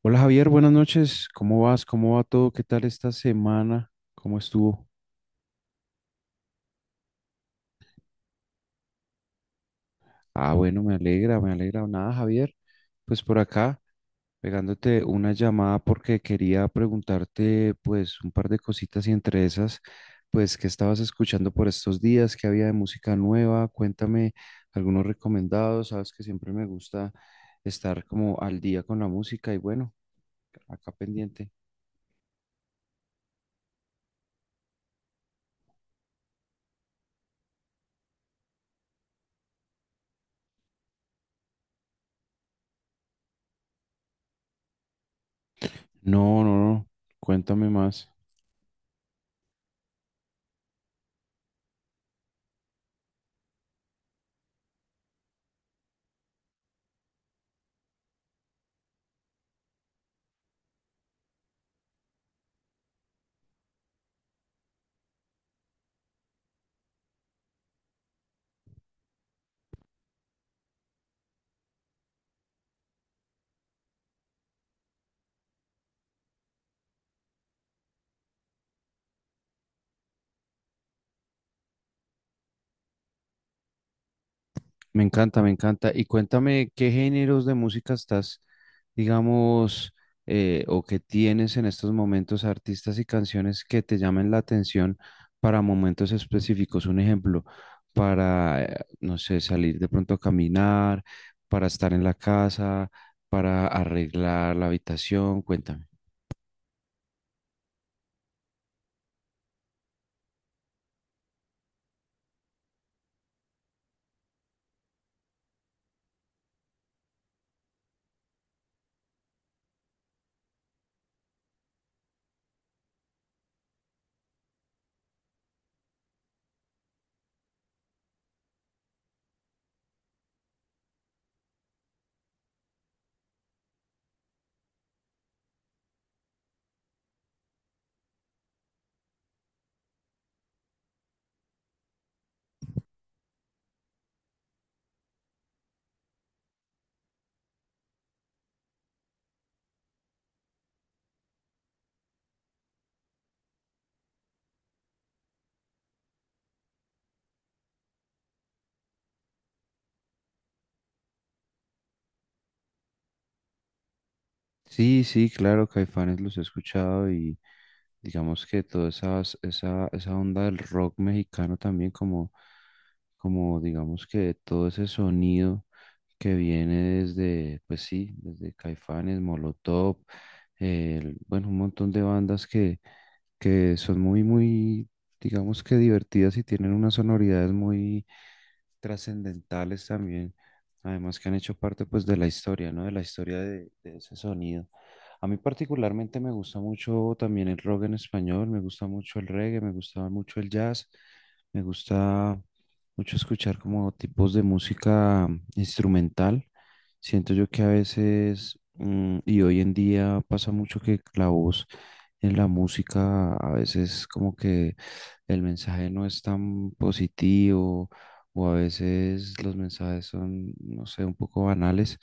Hola Javier, buenas noches. ¿Cómo vas? ¿Cómo va todo? ¿Qué tal esta semana? ¿Cómo estuvo? Ah, bueno, me alegra, me alegra. Nada, Javier. Pues por acá, pegándote una llamada porque quería preguntarte pues un par de cositas y entre esas, pues qué estabas escuchando por estos días, qué había de música nueva. Cuéntame algunos recomendados. Sabes que siempre me gusta estar como al día con la música y bueno, acá pendiente. No, no, no. Cuéntame más. Me encanta, me encanta. Y cuéntame qué géneros de música estás, digamos, o que tienes en estos momentos artistas y canciones que te llamen la atención para momentos específicos. Un ejemplo, para, no sé, salir de pronto a caminar, para estar en la casa, para arreglar la habitación. Cuéntame. Sí, sí, claro, Caifanes los he escuchado y digamos que toda esa onda del rock mexicano también como, como digamos que todo ese sonido que viene desde, pues sí, desde Caifanes, Molotov, bueno, un montón de bandas que son muy, muy, digamos que divertidas y tienen unas sonoridades muy trascendentales también, además que han hecho parte pues de la historia, ¿no? De la historia de ese sonido. A mí particularmente me gusta mucho también el rock en español, me gusta mucho el reggae, me gusta mucho el jazz, me gusta mucho escuchar como tipos de música instrumental. Siento yo que a veces, y hoy en día pasa mucho que la voz en la música a veces como que el mensaje no es tan positivo o a veces los mensajes son, no sé, un poco banales.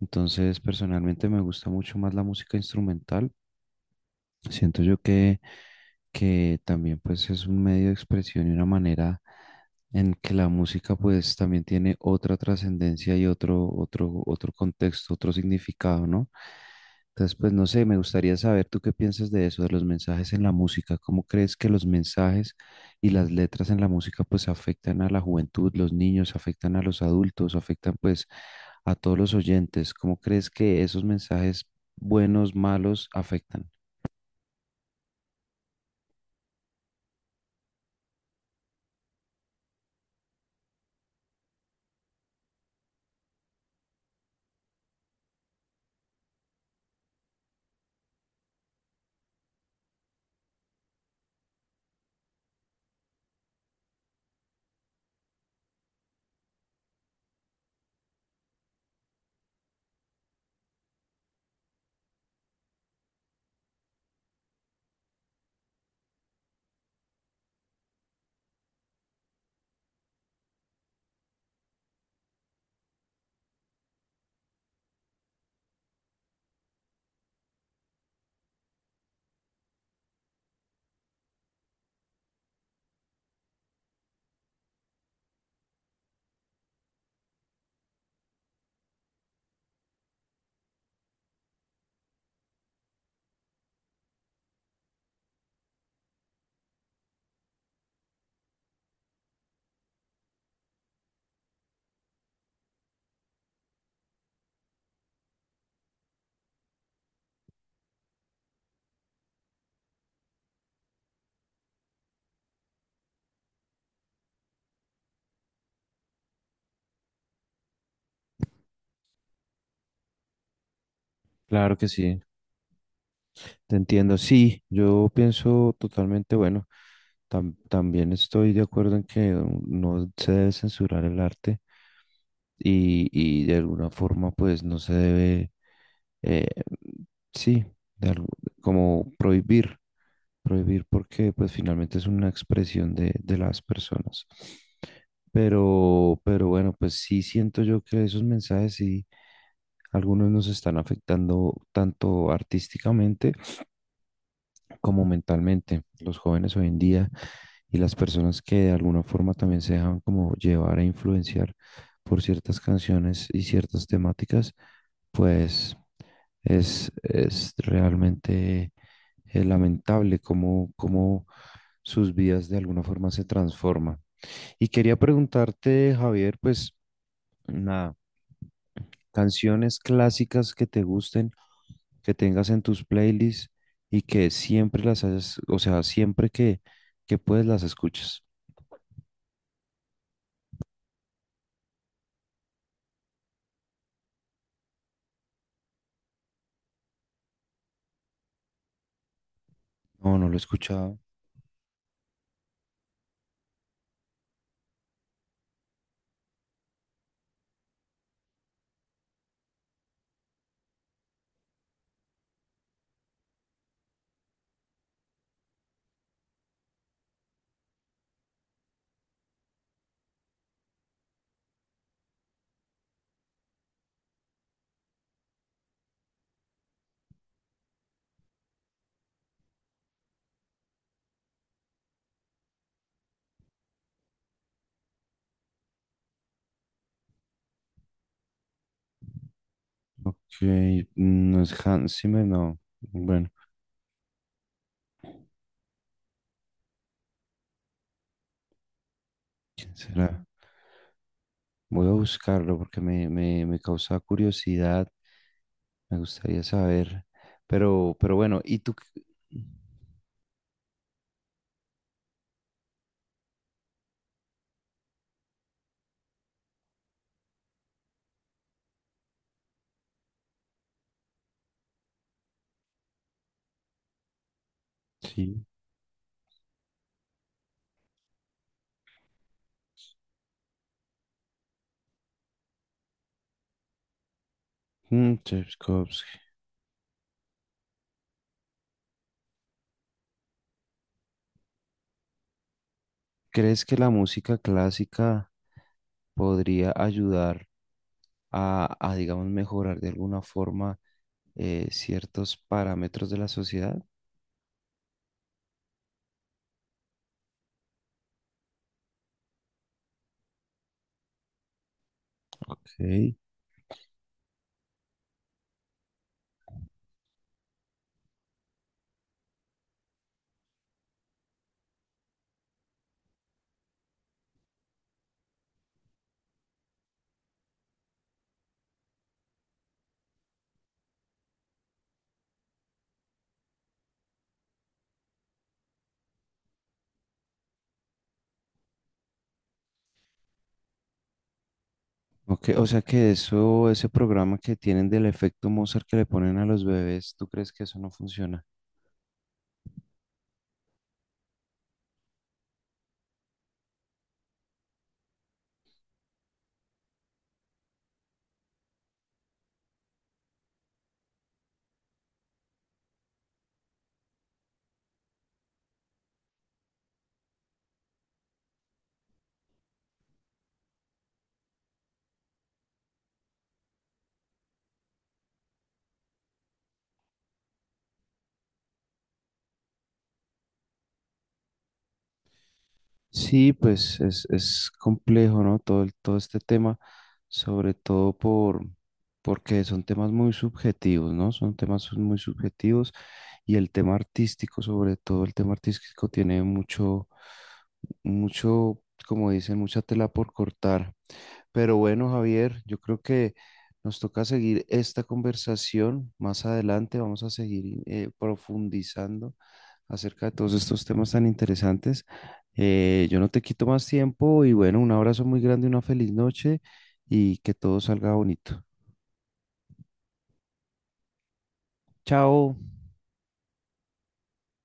Entonces, personalmente me gusta mucho más la música instrumental. Siento yo que también pues es un medio de expresión y una manera en que la música pues también tiene otra trascendencia y otro contexto, otro significado, ¿no? Entonces, pues no sé, me gustaría saber tú qué piensas de eso, de los mensajes en la música. ¿Cómo crees que los mensajes y las letras en la música pues afectan a la juventud, los niños, afectan a los adultos, afectan pues a todos los oyentes? ¿Cómo crees que esos mensajes buenos, malos, afectan? Claro que sí. Te entiendo, sí, yo pienso totalmente, bueno, también estoy de acuerdo en que no se debe censurar el arte y de alguna forma pues no se debe, eh, sí, de algo- como prohibir, prohibir porque pues finalmente es una expresión de las personas. Pero bueno, pues sí siento yo que esos mensajes sí, algunos nos están afectando tanto artísticamente, como mentalmente los jóvenes hoy en día y las personas que de alguna forma también se dejan como llevar e influenciar por ciertas canciones y ciertas temáticas, pues es realmente lamentable cómo, cómo sus vidas de alguna forma se transforman. Y quería preguntarte, Javier, pues nada, canciones clásicas que te gusten que tengas en tus playlists y que siempre las hayas, o sea, siempre que puedes las escuchas. No, no lo he escuchado. Ok, no es Hans Zimmer, no. Bueno, ¿quién será? Voy a buscarlo porque me causa curiosidad, me gustaría saber. Pero bueno, ¿y tú? Qué- Sí. Mm, Tchaikovsky. ¿Crees que la música clásica podría ayudar a, digamos, mejorar de alguna forma ciertos parámetros de la sociedad? Ok. Ok, o sea que eso, ese programa que tienen del efecto Mozart que le ponen a los bebés, ¿tú crees que eso no funciona? Sí, pues es complejo, ¿no? Todo, todo este tema, sobre todo por, porque son temas muy subjetivos, ¿no? Son temas muy subjetivos y el tema artístico, sobre todo el tema artístico, tiene mucho, mucho, como dicen, mucha tela por cortar. Pero bueno, Javier, yo creo que nos toca seguir esta conversación más adelante. Vamos a seguir profundizando acerca de todos estos temas tan interesantes. Yo no te quito más tiempo y bueno, un abrazo muy grande, una feliz noche y que todo salga bonito. Chao.